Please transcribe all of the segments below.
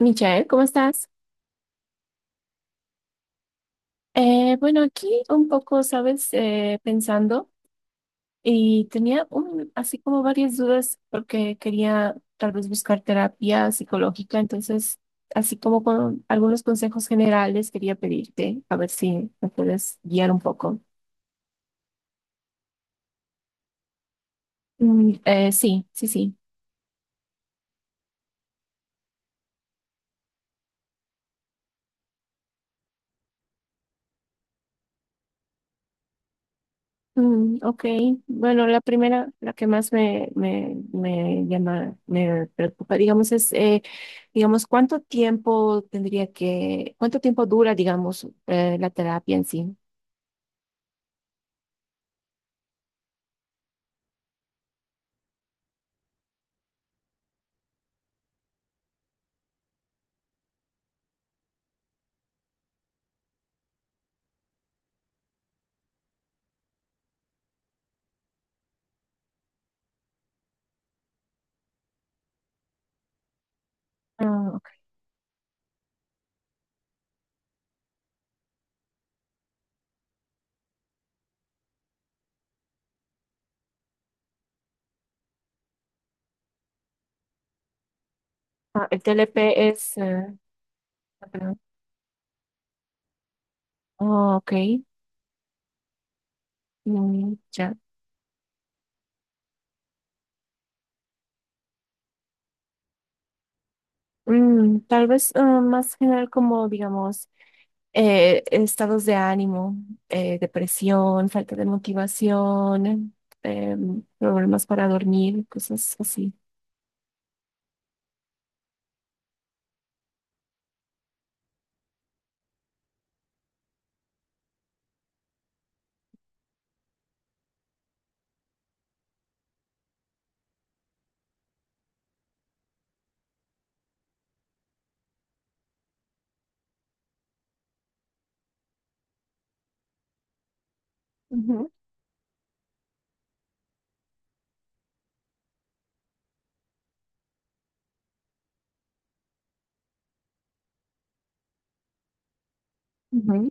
Michael, ¿cómo estás? Bueno, aquí un poco, ¿sabes? Pensando y tenía un, así como varias dudas porque quería tal vez buscar terapia psicológica, entonces así como con algunos consejos generales quería pedirte a ver si me puedes guiar un poco. Sí, sí, sí. Ok, bueno, la primera, la que más me llama, me preocupa, digamos, es, digamos, ¿cuánto tiempo tendría que, cuánto tiempo dura, digamos, la terapia en sí? Ah, ok. Ah, el TLP es, ah, perdón. Oh, ok, mm, ya. Mm, tal vez más general como, digamos, estados de ánimo, depresión, falta de motivación, problemas para dormir, cosas así. Ujú, ujú.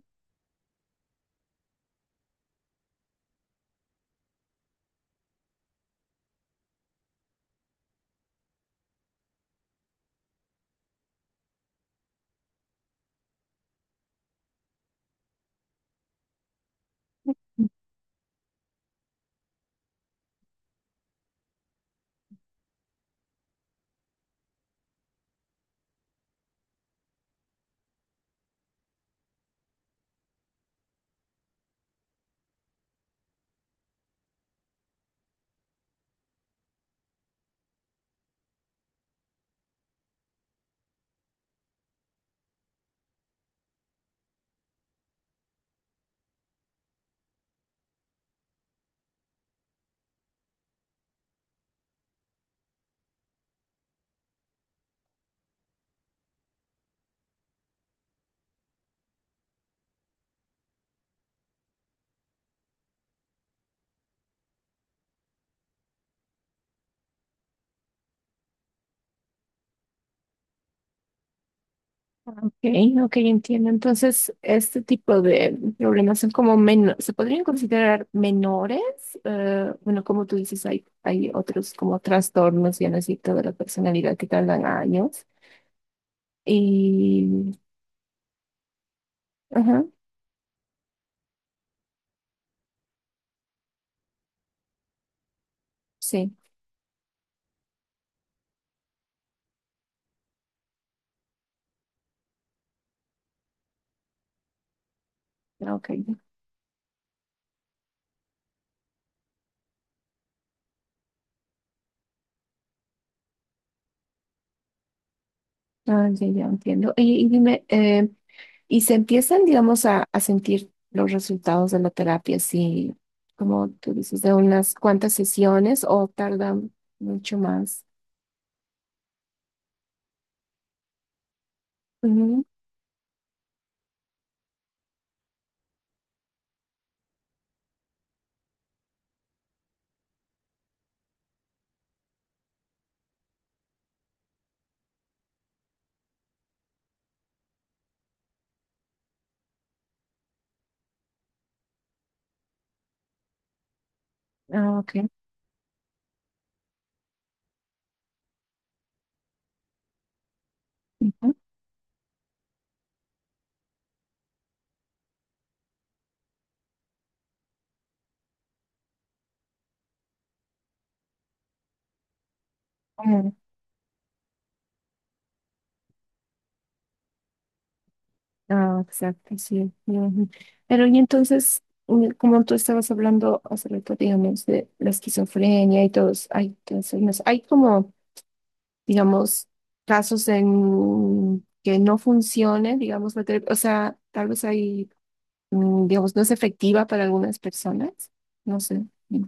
Ok, ok, entiendo. Entonces, este tipo de problemas son como menos, se podrían considerar menores. Bueno, como tú dices, hay otros como trastornos, ya no así, toda la personalidad que tardan años. Y, ajá, sí, ah, ok, ah, ya, ya entiendo. Y dime, ¿y se empiezan, digamos, a sentir los resultados de la terapia, sí, como tú dices, de unas cuantas sesiones o tardan mucho más? Ujú, ah, ok. Ujú, ah, ah, exacto, sí. Ujú. Pero y entonces, mm, como tú estabas hablando hace rato, digamos, de la esquizofrenia y todos, hay, trastornos, hay como, digamos, casos en que no funcione, digamos, la terapia, o sea, tal vez hay, digamos, no es efectiva para algunas personas, no sé.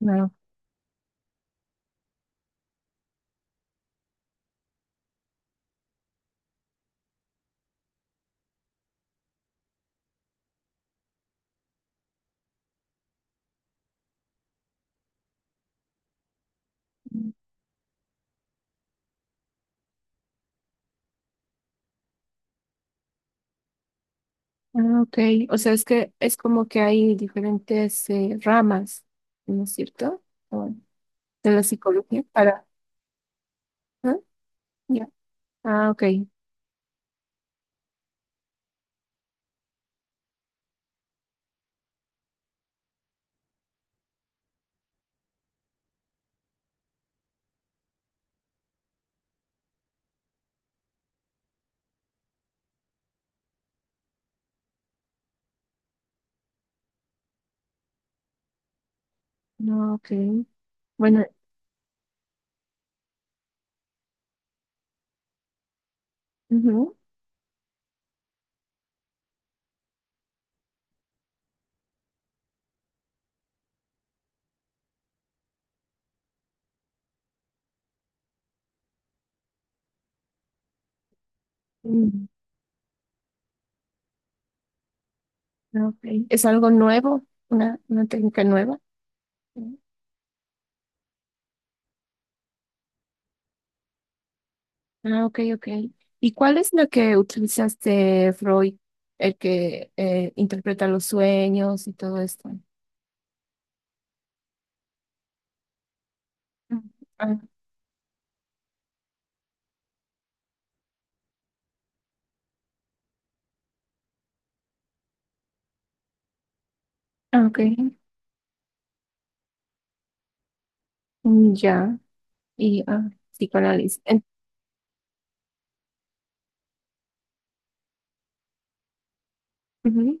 No. Ah, ok. O sea, es que es como que hay diferentes ramas, ¿no es cierto? De la psicología para... Ah, ya. Ah, ok. No, ok. Bueno, ujú. Mm, ok. ¿Es algo nuevo? Una técnica nueva? Mm. Ah, ok, ok. ¿Y cuál es la que utilizaste, Freud, el que interpreta los sueños y todo esto? Mm. Ah, ah, ok. Mm, ya. Y psicoanálisis. En- ujú.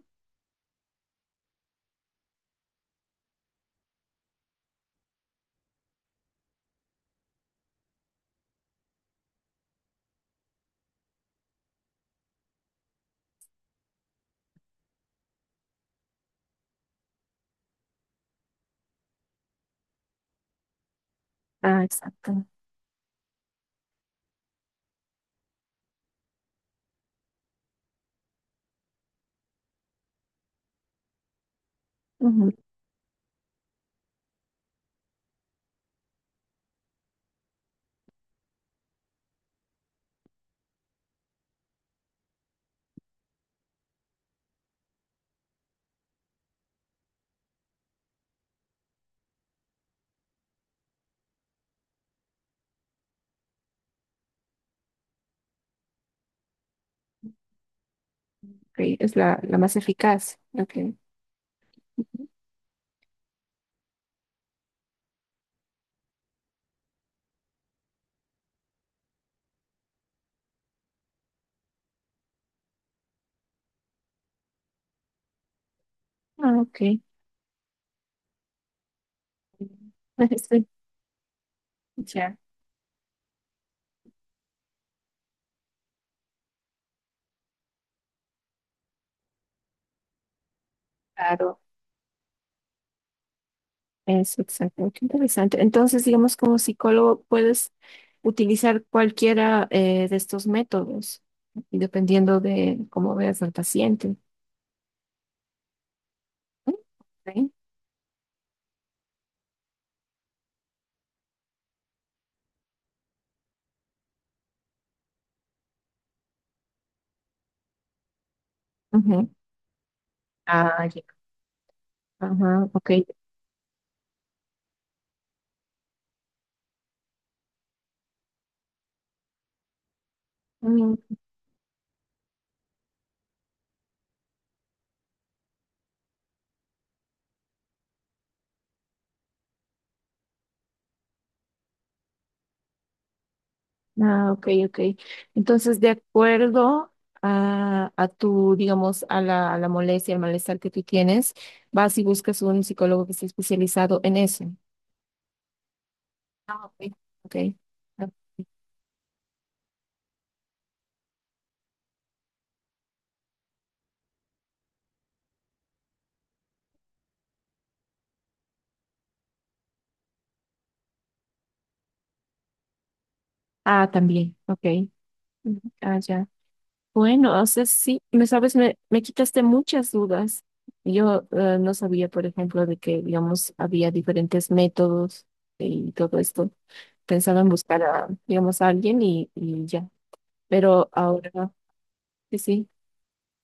Ah, exacto. Ujú. Ok, es la, la más eficaz. Ok. Ah, ok. Sí, ya, claro, es exactamente interesante. Entonces, digamos, como psicólogo puedes utilizar cualquiera de estos métodos, y dependiendo de cómo veas al paciente. ¿Sí? Sí. Ujú. Ah, ya. Ajá, ok. Mm, ah, ok, ok. Entonces, de acuerdo a tu, digamos, a la molestia, al malestar que tú tienes, vas y buscas un psicólogo que esté especializado en eso. Ah, ok. Ok. Ah, ah, también, ok. Ujú. Ah, ya. Bueno, o sea, sí, me sabes, me quitaste muchas dudas. Yo no sabía, por ejemplo, de que, digamos, había diferentes métodos y todo esto. Pensaba en buscar a, digamos, a alguien y ya. Pero ahora, sí, sí.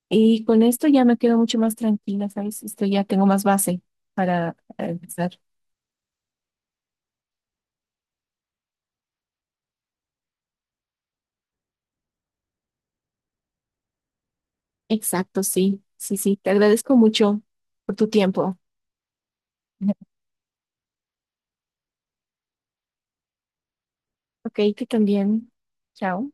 Y con esto ya me quedo mucho más tranquila, ¿sabes? Esto ya tengo más base para empezar. Exacto, sí, sí, sí. Te agradezco mucho por tu tiempo. Ok, tú también. Chao.